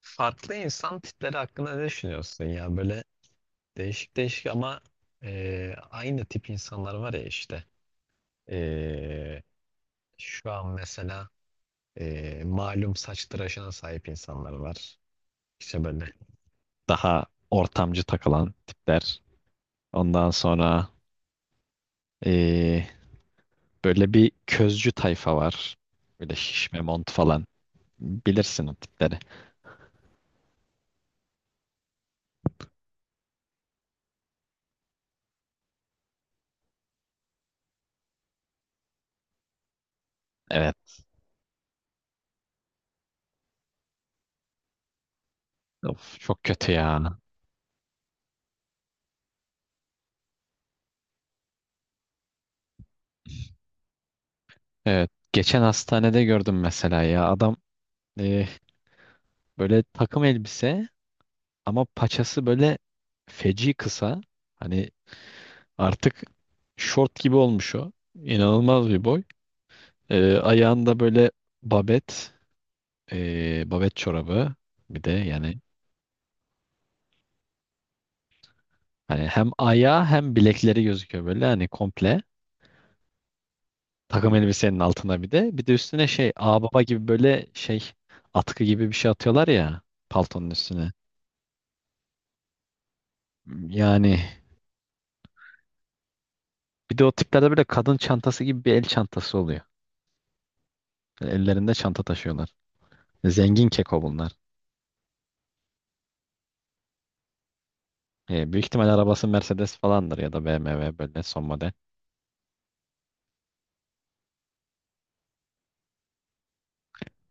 Farklı insan tipleri hakkında ne düşünüyorsun ya? Böyle değişik değişik ama aynı tip insanlar var ya işte. E, Şu an mesela malum saç tıraşına sahip insanlar var. İşte böyle daha ortamcı takılan tipler. Ondan sonra e, böyle bir közcü tayfa var. Böyle şişme mont falan. Bilirsin o tipleri. Evet. Of, çok kötü ya. Evet. Geçen hastanede gördüm mesela ya. Adam e, Böyle takım elbise ama paçası böyle feci kısa. Hani artık şort gibi olmuş o. İnanılmaz bir boy. Ayağında böyle babet, babet çorabı. Bir de yani hani hem ayağı hem bilekleri gözüküyor böyle hani komple. Takım elbisenin altına bir de. Bir de üstüne şey ağbaba gibi böyle şey atkı gibi bir şey atıyorlar ya paltonun üstüne. Yani bir de o tiplerde böyle kadın çantası gibi bir el çantası oluyor. Böyle ellerinde çanta taşıyorlar. Zengin keko bunlar. E, büyük ihtimal arabası Mercedes falandır ya da BMW böyle son model.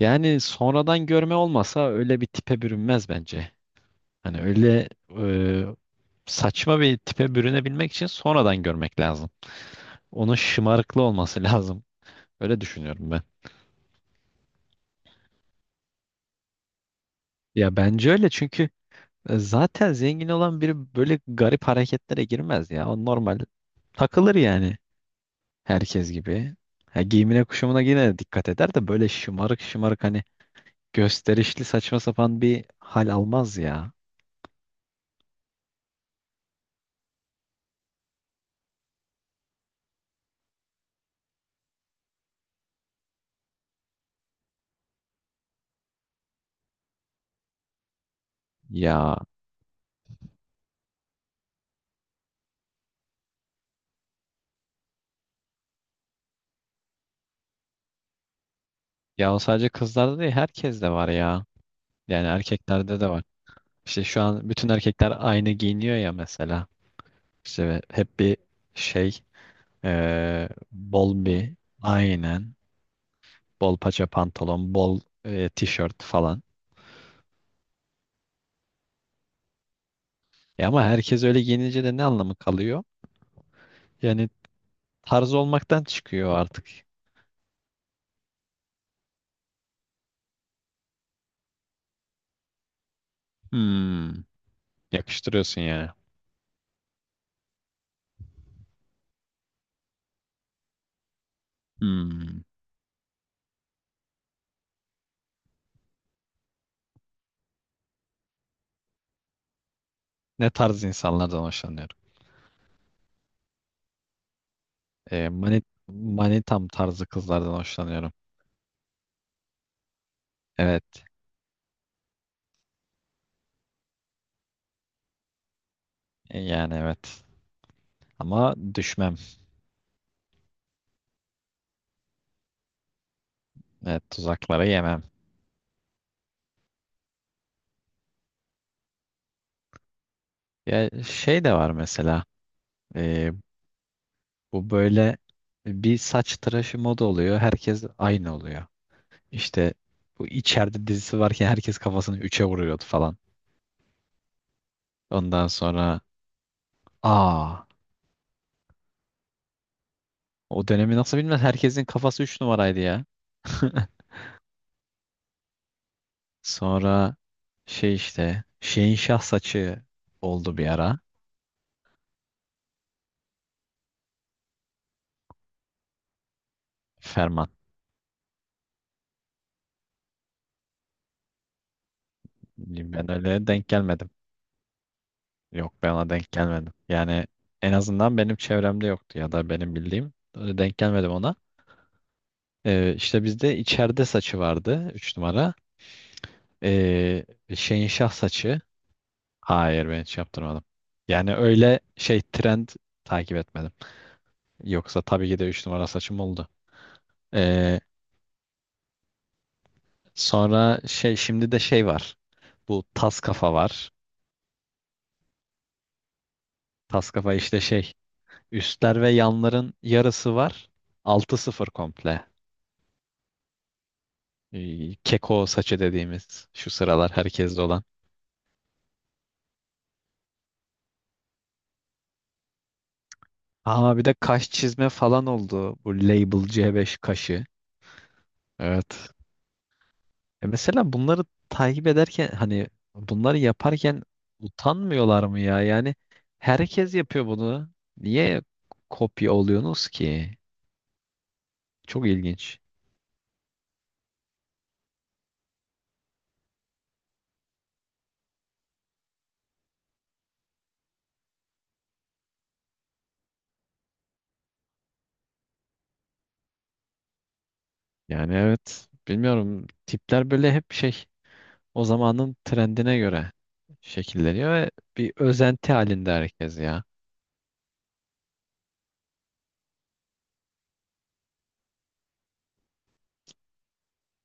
Yani sonradan görme olmasa öyle bir tipe bürünmez bence. Hani öyle e, saçma bir tipe bürünebilmek için sonradan görmek lazım. Onun şımarıklı olması lazım. Öyle düşünüyorum ben. Ya bence öyle çünkü zaten zengin olan biri böyle garip hareketlere girmez ya. O normal takılır yani. Herkes gibi. Ha, giyimine kuşamına yine dikkat eder de böyle şımarık şımarık hani gösterişli saçma sapan bir hal almaz ya. Ya ya o sadece kızlarda değil herkeste var ya. Yani erkeklerde de var. İşte şu an bütün erkekler aynı giyiniyor ya mesela. İşte hep bir şey bol bir aynen. Bol paça pantolon, bol tişört falan. E ama herkes öyle giyinince de ne anlamı kalıyor? Yani tarz olmaktan çıkıyor artık. Hmm. Yakıştırıyorsun yani. Hmm. Ne tarz insanlardan hoşlanıyorum? E, mani, Manitam tarzı kızlardan hoşlanıyorum. Evet. Yani evet. Ama düşmem. Evet, tuzaklara yemem. Ya şey de var mesela. E, Bu böyle bir saç tıraşı moda oluyor. Herkes aynı oluyor. İşte bu içeride dizisi varken herkes kafasını 3'e vuruyordu falan. Ondan sonra aa o dönemi nasıl bilmez herkesin kafası 3 numaraydı ya. Sonra şey işte şeyin şah saçı oldu bir ara. Ferman. Ben öyle denk gelmedim. Yok ben ona denk gelmedim. Yani en azından benim çevremde yoktu ya da benim bildiğim öyle denk gelmedim ona. İşte bizde içeride saçı vardı 3 numara. Ee, Şeyin şah saçı. Hayır ben hiç yaptırmadım. Yani öyle şey trend takip etmedim. Yoksa tabii ki de 3 numara saçım oldu. Ee, Sonra şey şimdi de şey var. Bu tas kafa var. Tas kafa işte şey üstler ve yanların yarısı var. 6-0 komple. Keko saçı dediğimiz şu sıralar herkeste olan. Aa bir de kaş çizme falan oldu. Bu Label C5 kaşı. Evet. Mesela bunları takip ederken hani bunları yaparken utanmıyorlar mı ya? Yani herkes yapıyor bunu. Niye kopya oluyorsunuz ki? Çok ilginç. Yani evet bilmiyorum tipler böyle hep şey o zamanın trendine göre şekilleniyor ve bir özenti halinde herkes ya.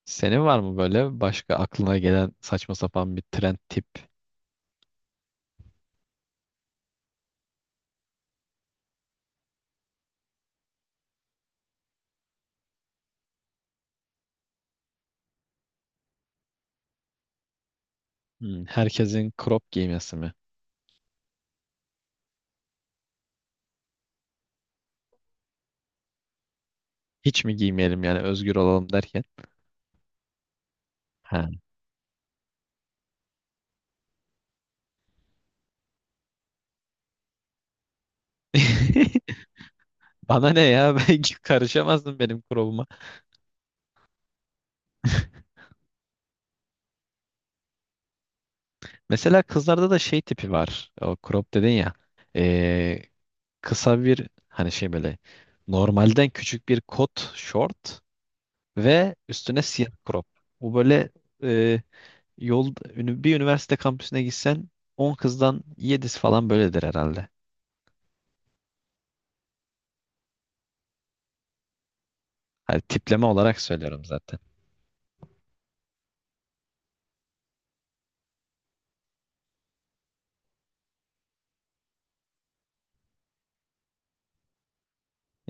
Senin var mı böyle başka aklına gelen saçma sapan bir trend tip? Hmm, herkesin crop giymesi mi? Hiç mi giymeyelim yani özgür olalım derken? Ha. Bana ne ya? Ben karışamazdım benim crop'uma. Mesela kızlarda da şey tipi var. O crop dedin ya. Ee, Kısa bir hani şey böyle normalden küçük bir kot short ve üstüne siyah crop. Bu böyle e, bir üniversite kampüsüne gitsen 10 kızdan 7'si falan böyledir herhalde. Hani tipleme olarak söylüyorum zaten.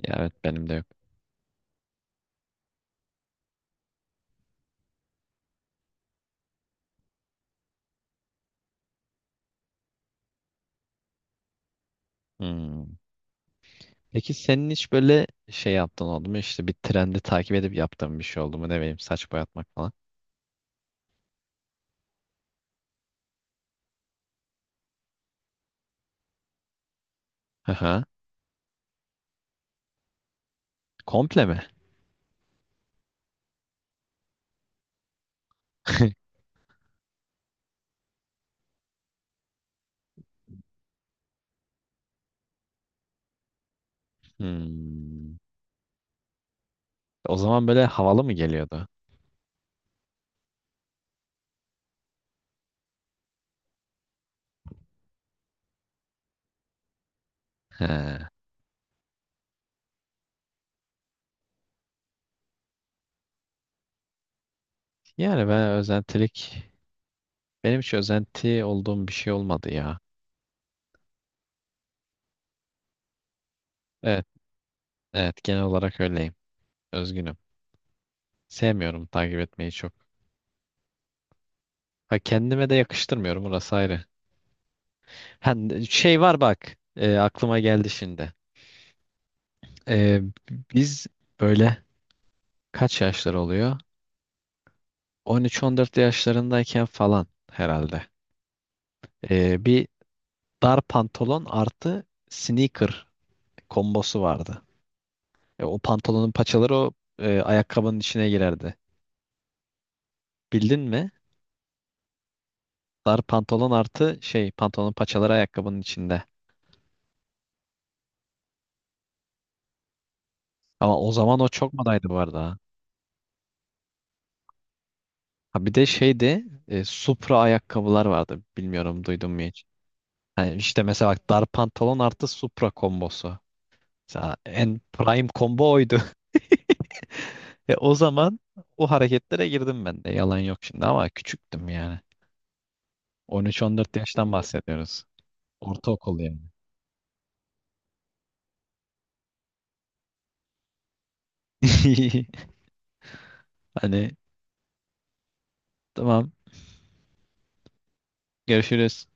Ya evet benim de yok. Hmm. Peki senin hiç böyle şey yaptığın oldu mu? İşte bir trendi takip edip yaptığın bir şey oldu mu? Ne bileyim saç boyatmak falan. Hı hı. Komple mi? Hmm. O zaman böyle havalı mı geliyordu? He. Yani ben özentilik benim hiç özenti olduğum bir şey olmadı ya. Evet, evet genel olarak öyleyim. Özgünüm. Sevmiyorum takip etmeyi çok. Ha kendime de yakıştırmıyorum orası ayrı. Ha, şey var bak. Aklıma geldi şimdi. E, Biz böyle kaç yaşlar oluyor? 13-14 yaşlarındayken falan herhalde. Bir dar pantolon artı sneaker kombosu vardı. O pantolonun paçaları o ayakkabının içine girerdi. Bildin mi? Dar pantolon artı şey pantolonun paçaları ayakkabının içinde. Ama o zaman o çok modaydı bu arada. Ha Ha, bir de şeydi Supra ayakkabılar vardı. Bilmiyorum duydun mu hiç? Yani işte mesela bak dar pantolon artı Supra kombosu. Mesela en prime combo oydu. O zaman o hareketlere girdim ben de. Yalan yok şimdi ama küçüktüm yani. 13-14 yaştan bahsediyoruz. Ortaokul yani. Hani tamam görüşürüz.